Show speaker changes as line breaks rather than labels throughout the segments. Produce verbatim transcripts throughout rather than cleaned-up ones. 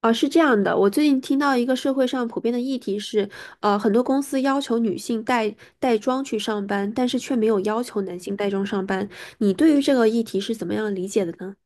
啊，是这样的，我最近听到一个社会上普遍的议题是，呃，很多公司要求女性带带妆去上班，但是却没有要求男性带妆上班。你对于这个议题是怎么样理解的呢？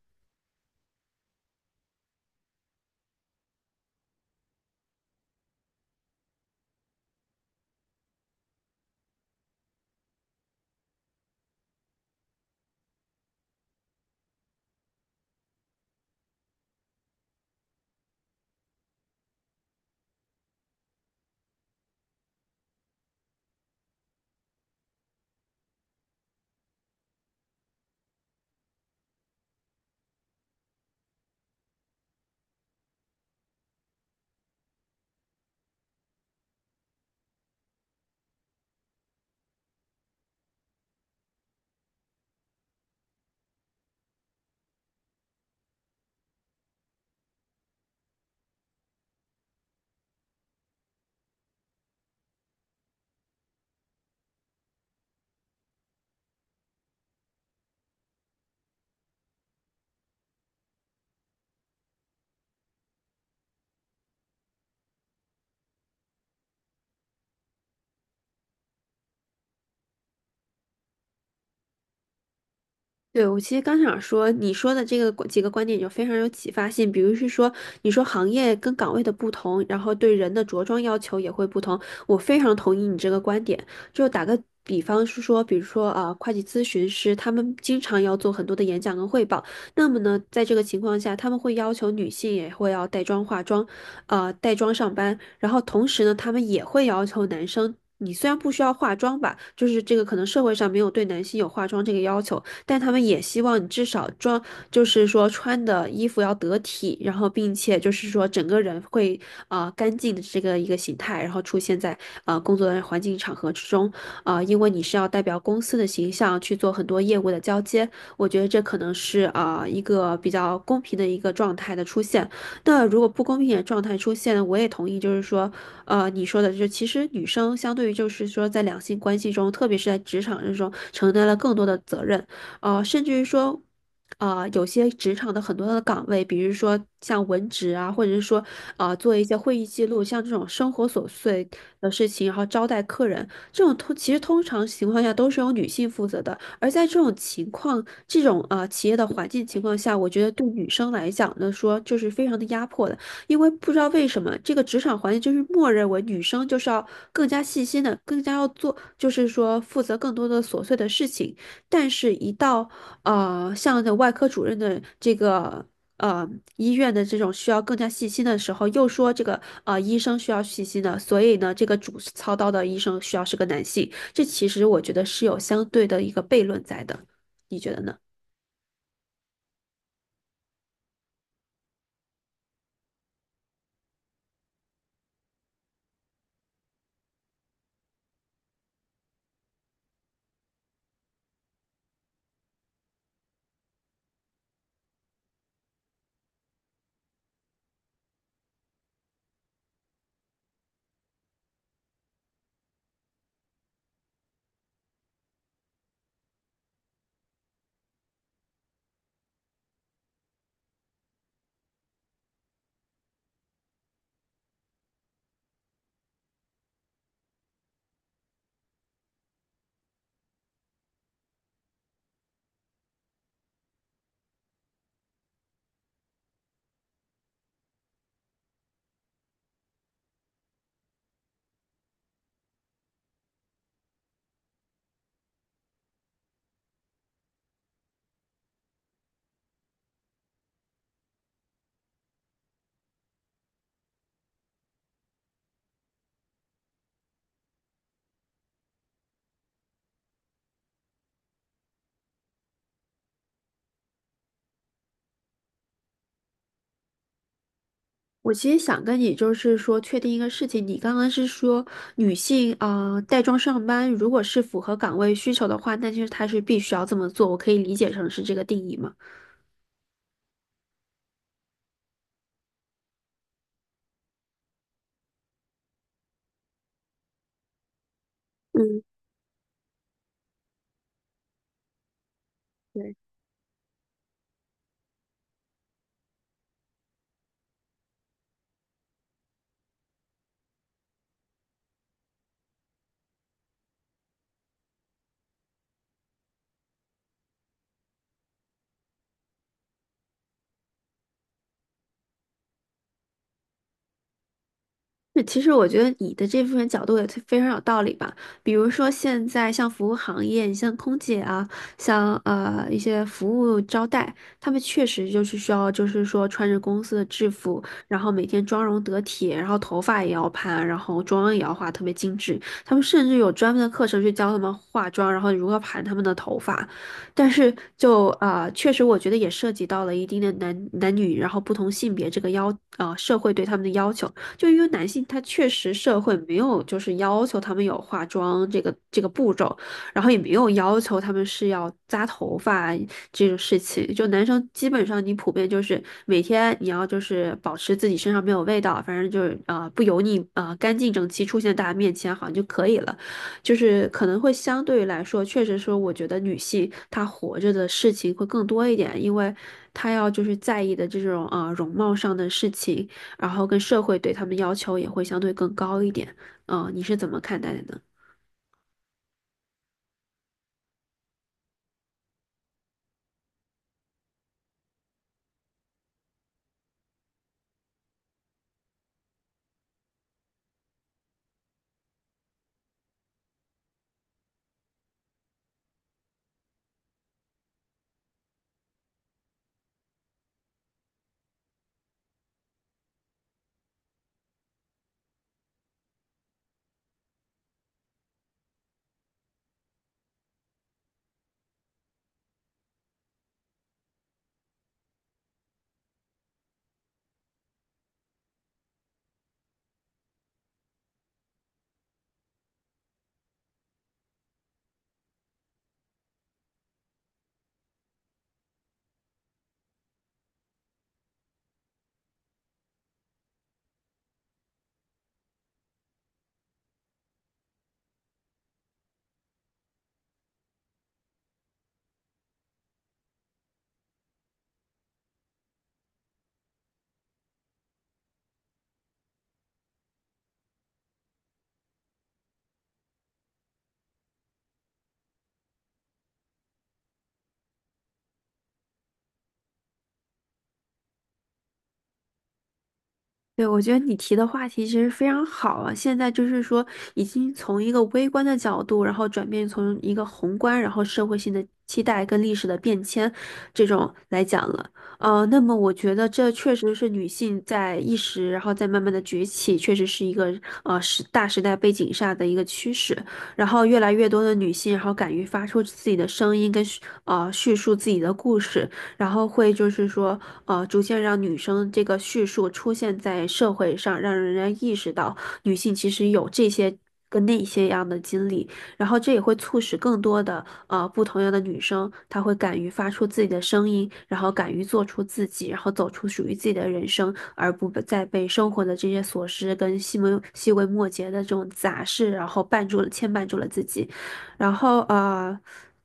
对，我其实刚想说，你说的这个观几个观点就非常有启发性。比如是说，你说行业跟岗位的不同，然后对人的着装要求也会不同。我非常同意你这个观点。就打个比方是说，比如说啊，呃会计咨询师他们经常要做很多的演讲跟汇报。那么呢，在这个情况下，他们会要求女性也会要带妆化妆，呃，带妆上班。然后同时呢，他们也会要求男生。你虽然不需要化妆吧，就是这个可能社会上没有对男性有化妆这个要求，但他们也希望你至少装，就是说穿的衣服要得体，然后并且就是说整个人会啊、呃干净的这个一个形态，然后出现在啊工作的环境场合之中啊、呃因为你是要代表公司的形象去做很多业务的交接，我觉得这可能是啊、呃一个比较公平的一个状态的出现。那如果不公平的状态出现呢我也同意，就是说，呃，你说的就是其实女生相对于就是说在两性关系中，特别是在职场之中，承担了更多的责任。呃，甚至于说，呃，有些职场的很多的岗位，比如说像文职啊，或者是说，呃，做一些会议记录，像这种生活琐碎的事情，然后招待客人，这种通其实通常情况下都是由女性负责的。而在这种情况，这种呃企业的环境情况下，我觉得对女生来讲呢，说就是非常的压迫的，因为不知道为什么这个职场环境就是默认为女生就是要更加细心的，更加要做，就是说负责更多的琐碎的事情。但是，一到呃像的外科主任的这个呃医院的这种需要更加细心的时候，又说这个呃医生需要细心的，所以呢，这个主操刀的医生需要是个男性，这其实我觉得是有相对的一个悖论在的，你觉得呢？我其实想跟你就是说确定一个事情，你刚刚是说女性啊、呃带妆上班，如果是符合岗位需求的话，那就是她是必须要这么做，我可以理解成是这个定义吗？嗯，对。那其实我觉得你的这部分角度也特非常有道理吧。比如说现在像服务行业，你像空姐啊，像呃一些服务招待，他们确实就是需要，就是说穿着公司的制服，然后每天妆容得体，然后头发也要盘，然后妆也要化特别精致。他们甚至有专门的课程去教他们化妆，然后如何盘他们的头发。但是就啊、呃确实我觉得也涉及到了一定的男男女，然后不同性别这个要啊、呃社会对他们的要求。就因为男性他确实社会没有就是要求他们有化妆这个这个步骤，然后也没有要求他们是要扎头发这种事情。就男生基本上你普遍就是每天你要就是保持自己身上没有味道，反正就是呃不油腻啊干净整齐出现在大家面前好像就可以了。就是可能会相对来说，确实说我觉得女性她活着的事情会更多一点，因为她要就是在意的这种啊呃容貌上的事情。然后跟社会对他们要求也会相对更高一点。嗯，你是怎么看待的呢？对，我觉得你提的话题其实非常好啊。现在就是说，已经从一个微观的角度，然后转变从一个宏观，然后社会性的期待跟历史的变迁这种来讲了。呃，那么我觉得这确实是女性在意识，然后再慢慢的崛起，确实是一个呃时大时代背景下的一个趋势。然后越来越多的女性，然后敢于发出自己的声音跟叙呃叙述自己的故事，然后会就是说，呃，逐渐让女生这个叙述出现在社会上，让人家意识到女性其实有这些跟那些样的经历，然后这也会促使更多的呃不同样的女生，她会敢于发出自己的声音，然后敢于做出自己，然后走出属于自己的人生，而不被再被生活的这些琐事跟细微细微末节的这种杂事，然后绊住了牵绊住了自己，然后呃。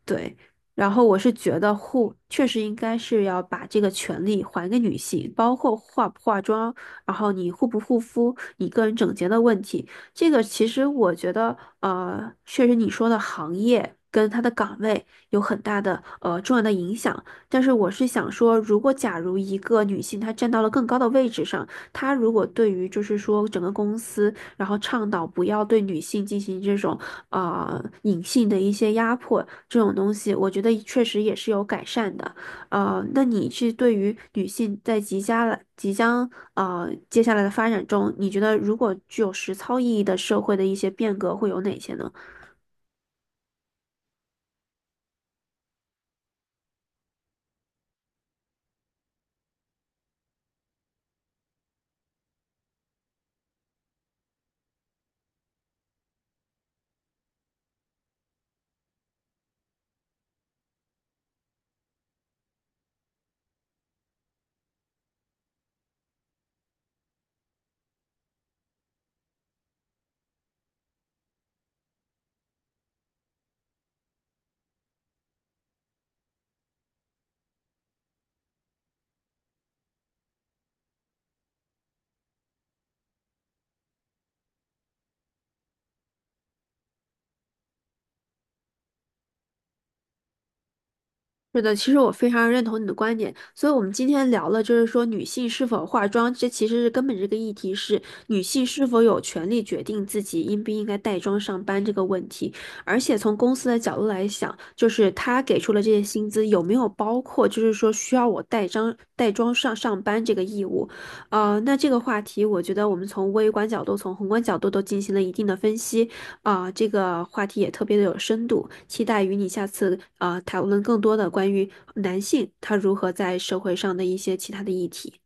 对，然后我是觉得护确实应该是要把这个权利还给女性，包括化不化妆，然后你护不护肤，你个人整洁的问题。这个其实我觉得，呃，确实你说的行业跟它的岗位有很大的呃重要的影响。但是我是想说，如果假如一个女性她站到了更高的位置上，她如果对于就是说整个公司。然后倡导不要对女性进行这种啊隐性的一些压迫这种东西，我觉得确实也是有改善的。呃，那你是对于女性在即将来即将呃接下来的发展中，你觉得如果具有实操意义的社会的一些变革会有哪些呢？是的，其实我非常认同你的观点，所以我们今天聊了，就是说女性是否化妆，这其实是根本这个议题是女性是否有权利决定自己应不应该带妆上班这个问题。而且从公司的角度来想，就是他给出了这些薪资有没有包括，就是说需要我带妆带妆上上班这个义务。呃，那这个话题，我觉得我们从微观角度、从宏观角度都进行了一定的分析。啊，这个话题也特别的有深度，期待与你下次啊讨论更多的关于男性他如何在社会上的一些其他的议题。